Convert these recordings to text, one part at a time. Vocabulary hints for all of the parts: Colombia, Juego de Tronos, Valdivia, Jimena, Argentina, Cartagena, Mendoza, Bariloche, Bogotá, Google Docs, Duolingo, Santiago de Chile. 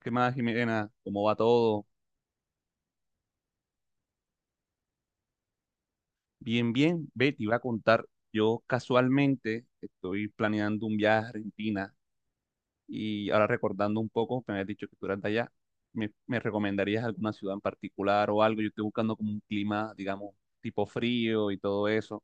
¿Qué más, Jimena? ¿Cómo va todo? Bien. Ve, te iba a contar. Yo casualmente estoy planeando un viaje a Argentina y ahora recordando un poco, me habías dicho que tú eras de allá. ¿Me recomendarías alguna ciudad en particular o algo? Yo estoy buscando como un clima, digamos, tipo frío y todo eso.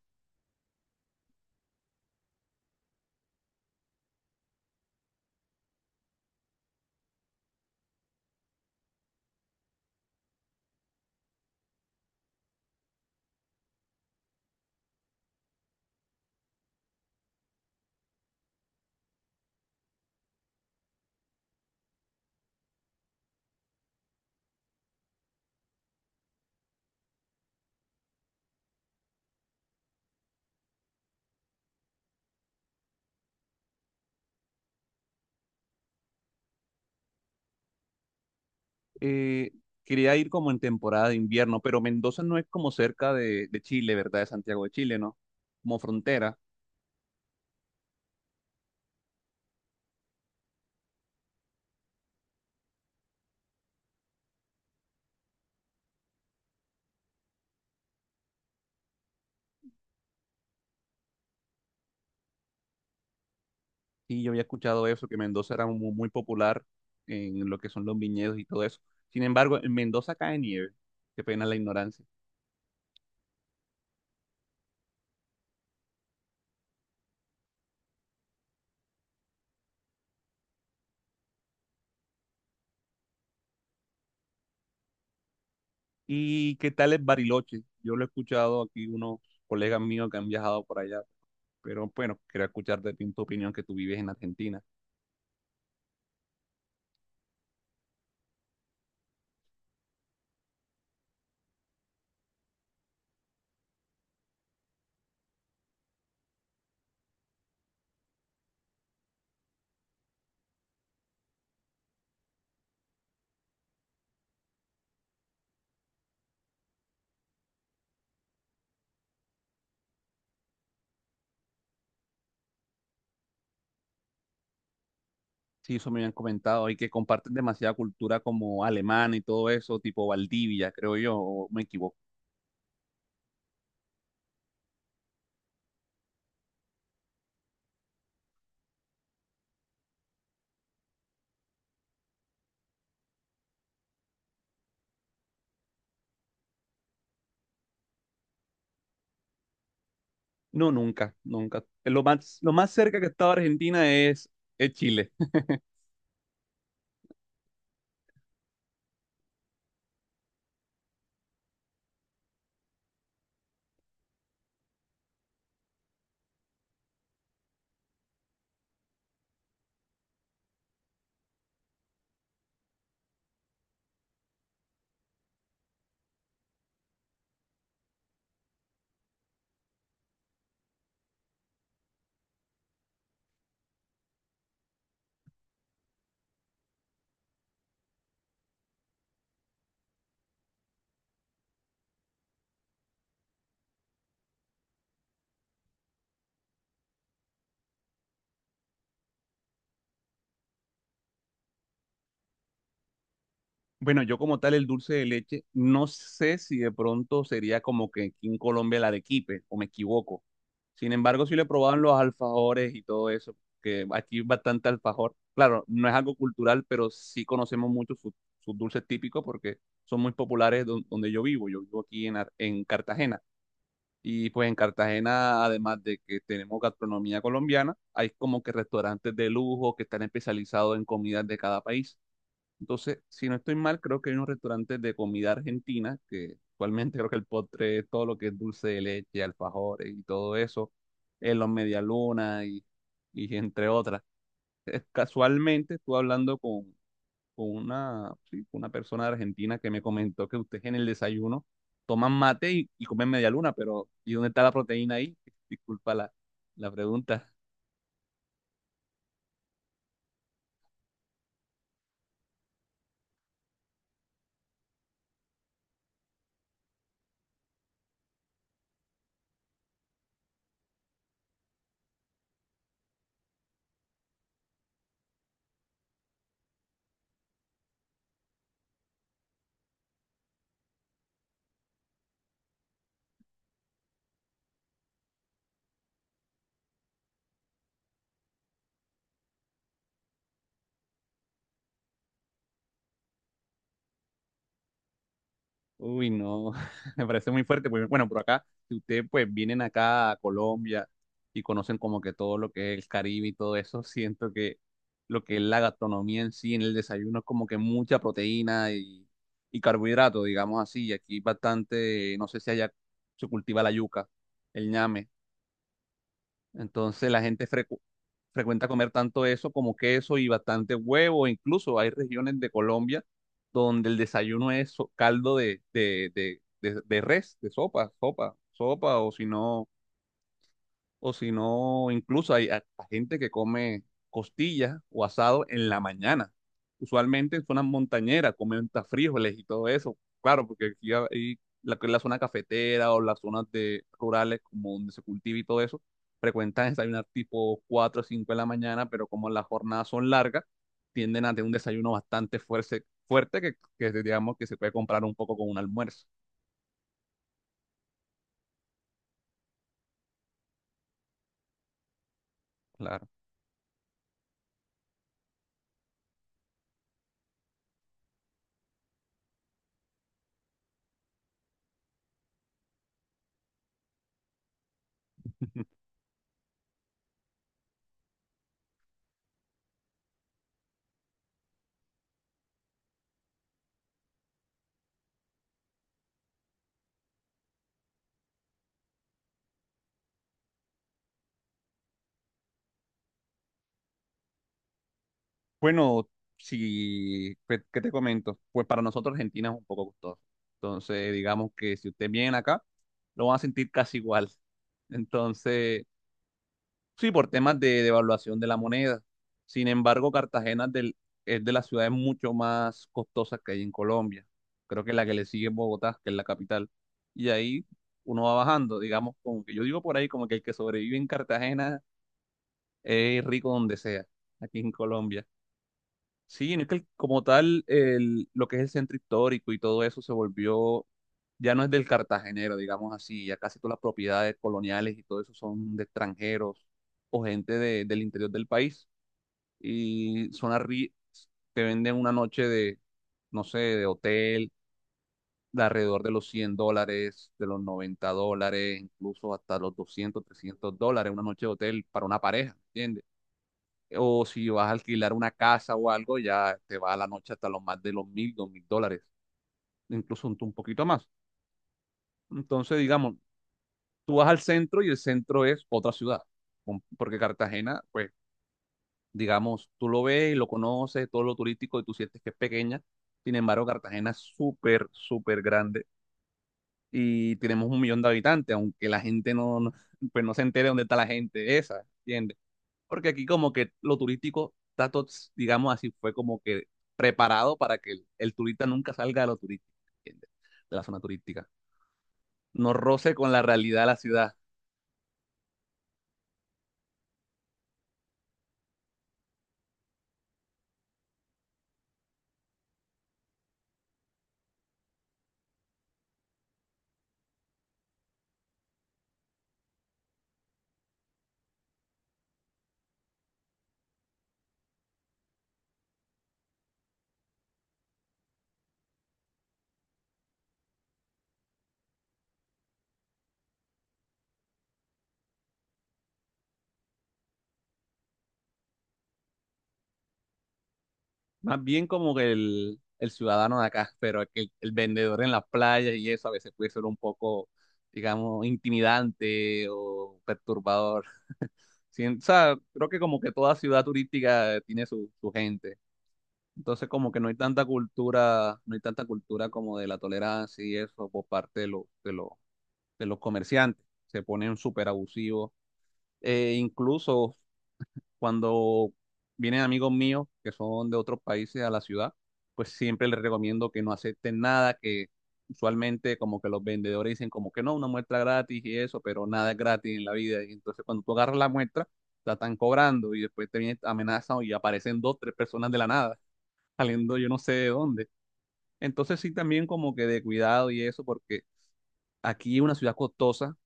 Eh, quería ir como en temporada de invierno, pero Mendoza no es como cerca de Chile, ¿verdad? De Santiago de Chile, ¿no? Como frontera. Sí, yo había escuchado eso, que Mendoza era muy, popular en lo que son los viñedos y todo eso. Sin embargo, en Mendoza cae nieve. Qué pena la ignorancia. ¿Y qué tal es Bariloche? Yo lo he escuchado aquí unos colegas míos que han viajado por allá, pero bueno, quería escuchar de ti tu opinión que tú vives en Argentina. Sí, eso me habían comentado y que comparten demasiada cultura como alemana y todo eso, tipo Valdivia, creo yo, o me equivoco. No, nunca, nunca. Lo más cerca que he estado a Argentina es Chile. Bueno, yo como tal el dulce de leche, no sé si de pronto sería como que aquí en Colombia el arequipe, o me equivoco. Sin embargo, sí le probaban los alfajores y todo eso, que aquí es bastante alfajor. Claro, no es algo cultural, pero sí conocemos mucho sus sus dulces típicos porque son muy populares donde yo vivo. Yo vivo aquí en, en Cartagena. Y pues en Cartagena, además de que tenemos gastronomía colombiana, hay como que restaurantes de lujo que están especializados en comidas de cada país. Entonces, si no estoy mal, creo que hay unos restaurantes de comida argentina, que actualmente creo que el postre, todo lo que es dulce de leche, alfajores y todo eso, en los medialunas y entre otras. Casualmente estuve hablando con una, sí, con una persona de Argentina que me comentó que ustedes en el desayuno toman mate y comen medialuna, pero ¿y dónde está la proteína ahí? Disculpa la pregunta. Uy, no, me parece muy fuerte. Porque, bueno, por acá, si ustedes pues vienen acá a Colombia y conocen como que todo lo que es el Caribe y todo eso, siento que lo que es la gastronomía en sí, en el desayuno, es como que mucha proteína y carbohidrato, digamos así. Y aquí bastante, no sé si allá se cultiva la yuca, el ñame. Entonces la gente frecuenta comer tanto eso como queso y bastante huevo. Incluso hay regiones de Colombia donde el desayuno es caldo de res, de sopa o si no, incluso hay hasta gente que come costillas o asado en la mañana. Usualmente en zonas montañeras comen hasta frijoles y todo eso. Claro, porque aquí hay la zona cafetera o las zonas de rurales como donde se cultiva y todo eso, frecuentan desayunar tipo 4 o 5 de la mañana, pero como las jornadas son largas, tienden a tener un desayuno bastante fuerte, fuerte que digamos que se puede comprar un poco con un almuerzo. Claro. Bueno, si, pues, ¿qué te comento? Pues para nosotros Argentina es un poco costoso. Entonces, digamos que si ustedes vienen acá, lo van a sentir casi igual. Entonces, sí, por temas de devaluación de la moneda. Sin embargo, Cartagena es es de las ciudades mucho más costosas que hay en Colombia. Creo que la que le sigue es Bogotá, que es la capital. Y ahí uno va bajando, digamos, como que yo digo por ahí, como que el que sobrevive en Cartagena es rico donde sea, aquí en Colombia. Sí, no es que como tal, lo que es el centro histórico y todo eso se volvió, ya no es del cartagenero, digamos así, ya casi todas las propiedades coloniales y todo eso son de extranjeros o gente del interior del país. Y son arri te venden una noche de, no sé, de hotel, de alrededor de los $100, de los $90, incluso hasta los $200, $300, una noche de hotel para una pareja, ¿entiendes? O si vas a alquilar una casa o algo, ya te va a la noche hasta los más de los $1000, $2000, incluso un poquito más. Entonces, digamos, tú vas al centro y el centro es otra ciudad, porque Cartagena, pues, digamos, tú lo ves y lo conoces, todo lo turístico y tú sientes que es pequeña. Sin embargo, Cartagena es súper grande y tenemos 1 millón de habitantes, aunque la gente no pues no se entere de dónde está la gente esa, ¿entiendes? Porque aquí como que lo turístico está todo, digamos así, fue como que preparado para que el turista nunca salga de lo turístico, ¿entiendes? De la zona turística. No roce con la realidad de la ciudad. Más bien como que el ciudadano de acá, pero es que el vendedor en las playas y eso a veces puede ser un poco, digamos, intimidante o perturbador. Sí, o sea, creo que como que toda ciudad turística tiene su gente. Entonces, como que no hay tanta cultura, no hay tanta cultura como de la tolerancia y eso por parte de, los de los comerciantes. Se ponen súper abusivos. Incluso cuando vienen amigos míos que son de otros países a la ciudad, pues siempre les recomiendo que no acepten nada, que usualmente como que los vendedores dicen como que no, una muestra gratis y eso, pero nada es gratis en la vida. Y entonces cuando tú agarras la muestra, la están cobrando y después te vienen amenazan y aparecen 2, 3 personas de la nada, saliendo yo no sé de dónde. Entonces sí, también como que de cuidado y eso, porque aquí es una ciudad costosa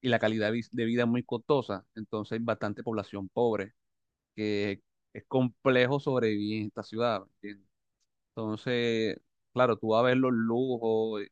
y la calidad de vida es muy costosa, entonces hay bastante población pobre, que es complejo sobrevivir en esta ciudad, ¿me entiendes? Entonces, claro, tú vas a ver los lujos.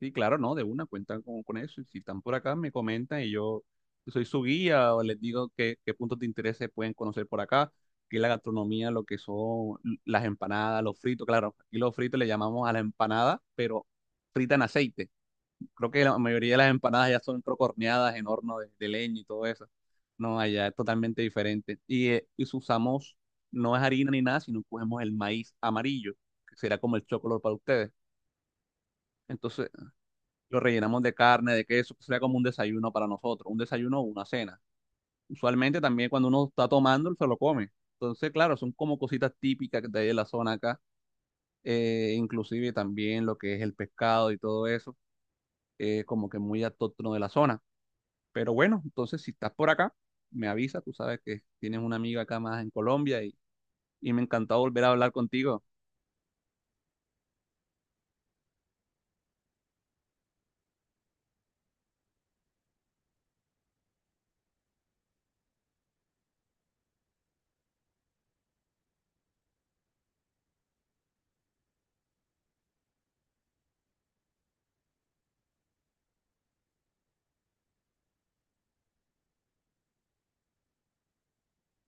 Sí, claro, no, de una, cuentan con eso. Y si están por acá, me comentan y yo soy su guía o les digo qué puntos de interés se pueden conocer por acá, que es la gastronomía, lo que son las empanadas, los fritos. Claro, aquí los fritos le llamamos a la empanada, pero frita en aceite. Creo que la mayoría de las empanadas ya son creo que horneadas en horno de leña y todo eso. No, allá es totalmente diferente. Y si usamos, no es harina ni nada, sino cogemos el maíz amarillo, que será como el chocolate para ustedes. Entonces, lo rellenamos de carne, de queso, que sería como un desayuno para nosotros, un desayuno o una cena. Usualmente también cuando uno está tomando, se lo come. Entonces, claro, son como cositas típicas de ahí de la zona acá, inclusive también lo que es el pescado y todo eso, como que muy autóctono de la zona. Pero bueno, entonces si estás por acá, me avisa, tú sabes que tienes una amiga acá más en Colombia y me encantó volver a hablar contigo,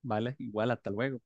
¿vale? Igual, hasta luego.